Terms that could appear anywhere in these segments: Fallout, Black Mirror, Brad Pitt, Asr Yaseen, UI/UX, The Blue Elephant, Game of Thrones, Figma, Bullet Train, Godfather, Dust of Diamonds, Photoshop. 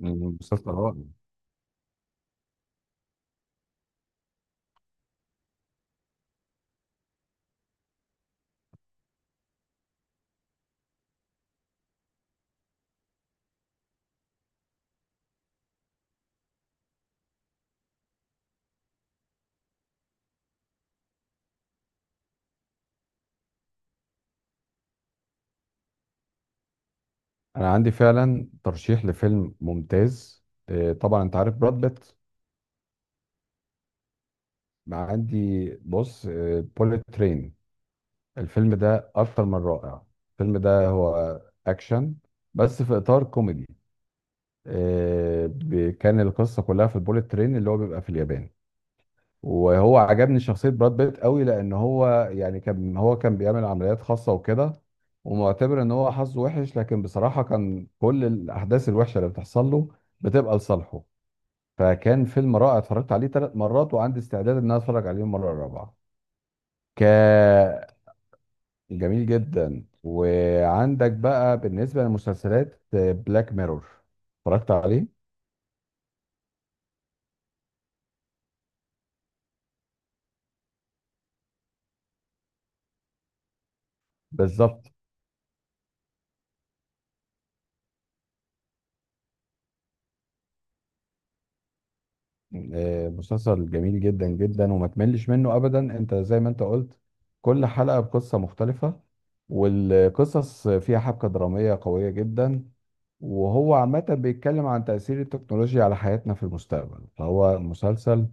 مسلسل رائع. انا عندي فعلا ترشيح لفيلم ممتاز. طبعا انت عارف براد بيت. مع عندي بص، بوليت ترين. الفيلم ده اكتر من رائع. الفيلم ده هو اكشن، بس في اطار كوميدي. كان القصه كلها في البوليت ترين اللي هو بيبقى في اليابان. وهو عجبني شخصية براد بيت قوي، لأن هو يعني كان بيعمل عمليات خاصة وكده. ومعتبر إن هو حظه وحش، لكن بصراحة كان كل الأحداث الوحشة اللي بتحصل له بتبقى لصالحه. فكان فيلم رائع، اتفرجت عليه ثلاث مرات وعندي استعداد إن أنا أتفرج عليه المرة الرابعة. ك جميل جدا. وعندك بقى بالنسبة للمسلسلات بلاك ميرور، اتفرجت عليه. بالظبط. مسلسل جميل جدا جدا وما تملش منه ابدا. انت زي ما انت قلت، كل حلقة بقصة مختلفة، والقصص فيها حبكة درامية قوية جدا. وهو عامة بيتكلم عن تأثير التكنولوجيا على حياتنا في المستقبل. فهو مسلسل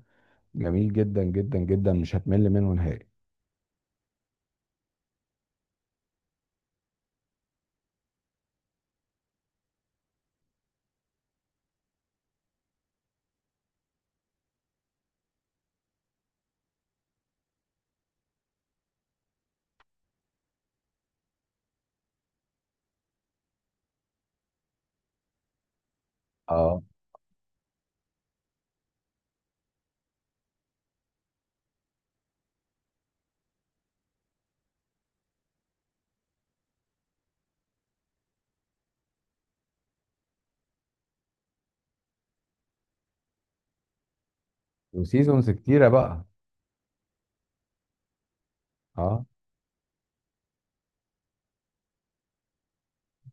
جميل جدا جدا جدا، مش هتمل منه نهائي. اه، وسيزونز كتيرة بقى. اه،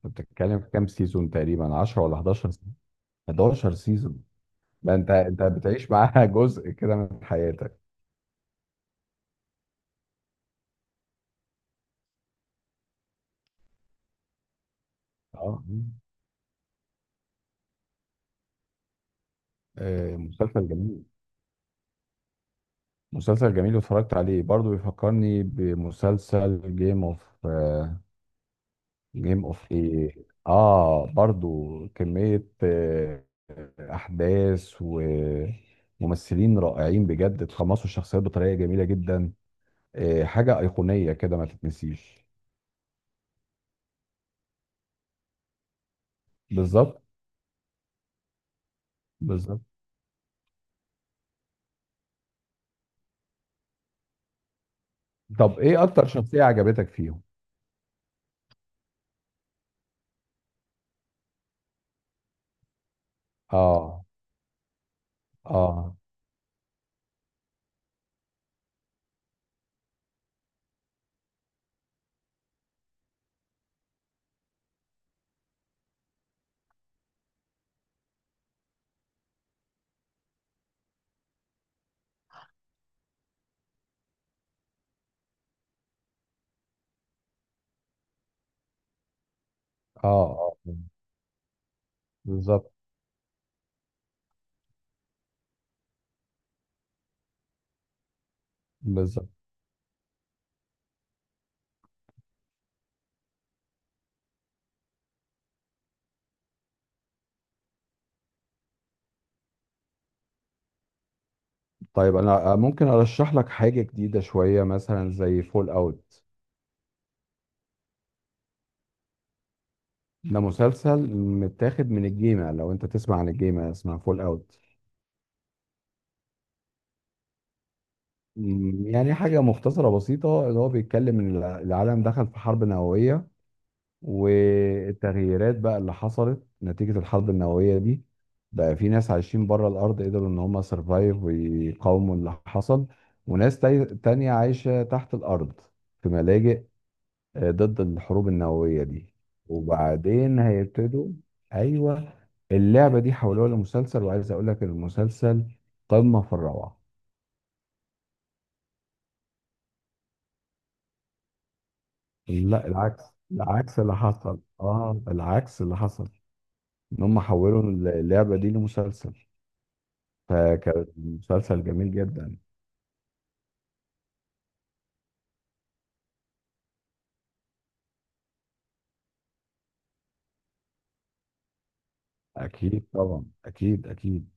انت بتتكلم في كام سيزون؟ تقريبا 10 ولا 11 سيزون؟ 11 سيزون. ده انت بتعيش معاها جزء كده من حياتك. اه. مسلسل جميل. مسلسل جميل، واتفرجت عليه برضو. بيفكرني بمسلسل جيم اوف ايه؟ اه، برضو كمية احداث وممثلين رائعين بجد، اتقمصوا الشخصيات بطريقة جميلة جدا. حاجة ايقونية كده ما تتنسيش. بالظبط. بالظبط. طب ايه اكتر شخصية عجبتك فيهم؟ اه. اه اه, آه. بالظبط. بالظبط. طيب انا ممكن ارشح لك حاجه جديده شويه، مثلا زي فول اوت. ده مسلسل متاخد من الجيمة، لو انت تسمع عن الجيمة اسمها فول اوت. يعني حاجه مختصره بسيطه، اللي هو بيتكلم ان العالم دخل في حرب نوويه. والتغييرات بقى اللي حصلت نتيجه الحرب النوويه دي، بقى في ناس عايشين بره الارض قدروا ان هم سرفايف ويقاوموا اللي حصل. وناس تانية عايشه تحت الارض، في ملاجئ ضد الحروب النووية دي. وبعدين هيبتدوا. ايوه. اللعبة دي حولوها لمسلسل، وعايز اقول لك المسلسل قمة في الروعة. لا العكس. العكس اللي حصل. اه العكس اللي حصل، ان هم حولوا اللعبة دي لمسلسل. فكان مسلسل جميل جدا. اكيد طبعا، اكيد اكيد.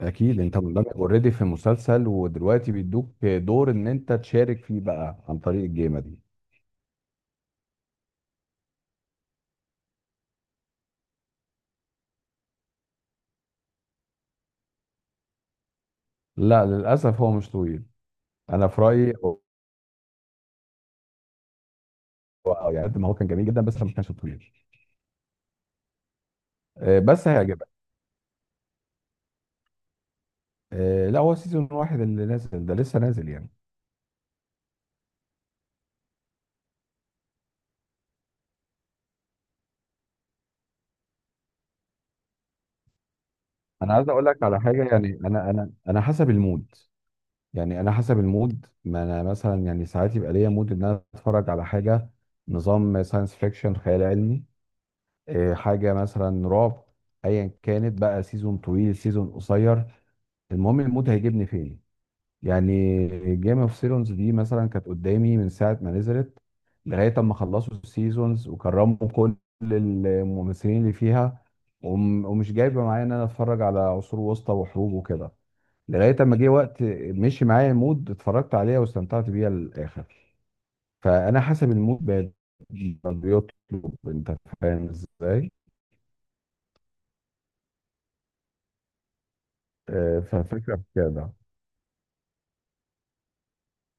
اكيد انت مندمج اوريدي في مسلسل، ودلوقتي بيدوك دور ان انت تشارك فيه بقى عن طريق الجيمة دي. لا للاسف هو مش طويل، انا في رايي. هو اه، يعني قد ما هو كان جميل جدا بس ما كانش طويل. بس هيعجبك. لا هو سيزون واحد اللي نازل ده، لسه نازل يعني. انا عايز اقول لك على حاجه، يعني انا حسب المود. يعني انا حسب المود. ما انا مثلا، يعني ساعات يبقى ليا مود ان انا اتفرج على حاجه نظام ساينس فيكشن خيال علمي. حاجه مثلا رعب. ايا كانت بقى، سيزون طويل سيزون قصير، المهم المود هيجيبني فين. يعني جيم اوف ثرونز دي مثلا كانت قدامي من ساعه ما نزلت، لغايه اما خلصوا السيزونز وكرموا كل الممثلين اللي فيها، ومش جايبه معايا ان انا اتفرج على عصور وسطى وحروب وكده. لغايه اما جه وقت مشي معايا المود، اتفرجت عليها واستمتعت بيها للاخر. فانا حسب المود بقى بيطلب، انت فاهم ازاي. ففكره في كده.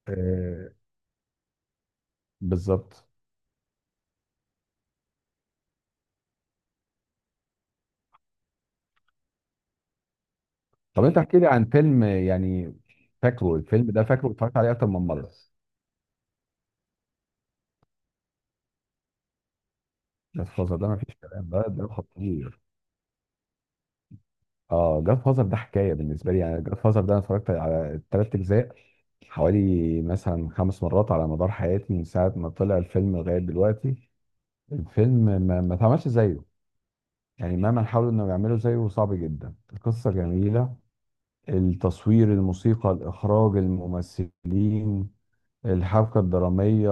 آه، بالظبط. طب انت احكي لي عن فيلم يعني فاكره. الفيلم ده فاكره اتفرجت عليه اكتر من مره. جاد فازر ده ما فيش كلام، ده ده خطير. اه جاد فازر ده حكايه بالنسبه لي. يعني جاد فازر ده انا اتفرجت على الثلاث اجزاء حوالي مثلا خمس مرات على مدار حياتي، من ساعه ما طلع الفيلم لغايه دلوقتي. الفيلم ما اتعملش زيه. يعني مهما حاولوا انهم يعملوا زيه صعب جدا. القصه جميله، التصوير، الموسيقى، الاخراج، الممثلين، الحبكه الدراميه،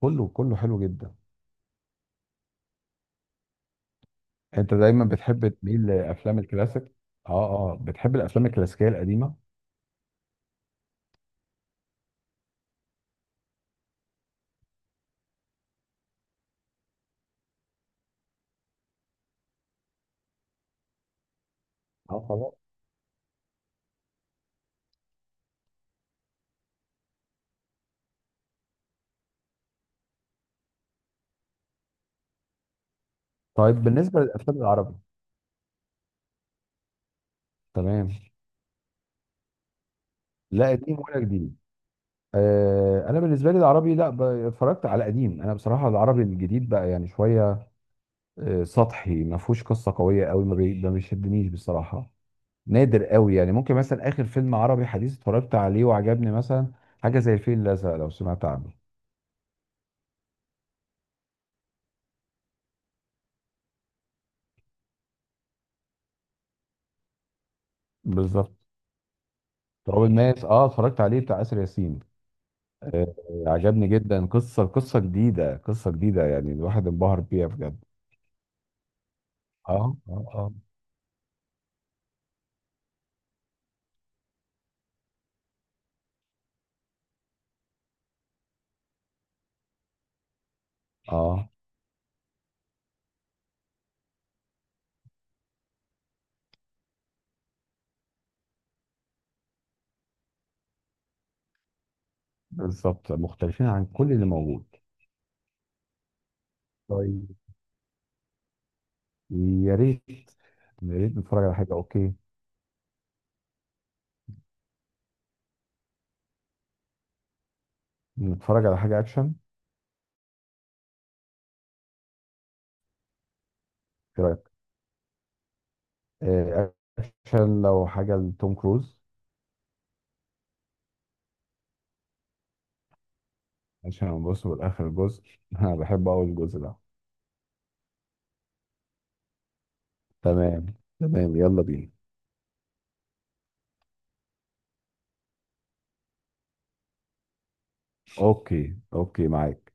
كله كله حلو جدا. انت دايما بتحب تميل لافلام الكلاسيك. اه اه، بتحب الافلام الكلاسيكيه القديمه. اه خلاص. طيب بالنسبه للافلام العربي. تمام. لا قديم ولا جديد. آه انا بالنسبه لي العربي، لا ب- اتفرجت على قديم. انا بصراحه العربي الجديد بقى يعني شويه سطحي، ما فيهوش قصه قويه قوي، ما بيشدنيش بصراحه. نادر قوي. يعني ممكن مثلا اخر فيلم عربي حديث اتفرجت عليه وعجبني، مثلا حاجه زي الفيل الازرق، لو سمعت عنه. بالظبط. تراب الماس، اه اتفرجت عليه، بتاع اسر ياسين. آه، عجبني جدا. قصة جديدة. قصة جديدة، يعني الواحد انبهر بيها بجد. اه اه اه. اه بالظبط، مختلفين عن كل اللي موجود. طيب يا ريت، يا ريت نتفرج على حاجة. اوكي، نتفرج على حاجة اكشن. ايه رأيك؟ آه، اكشن، لو حاجة لتوم كروز. عشان نبص بالاخر الجزء انا بحب اول الجزء ده. تمام. تمام يلا بينا. اوكي اوكي، معاك.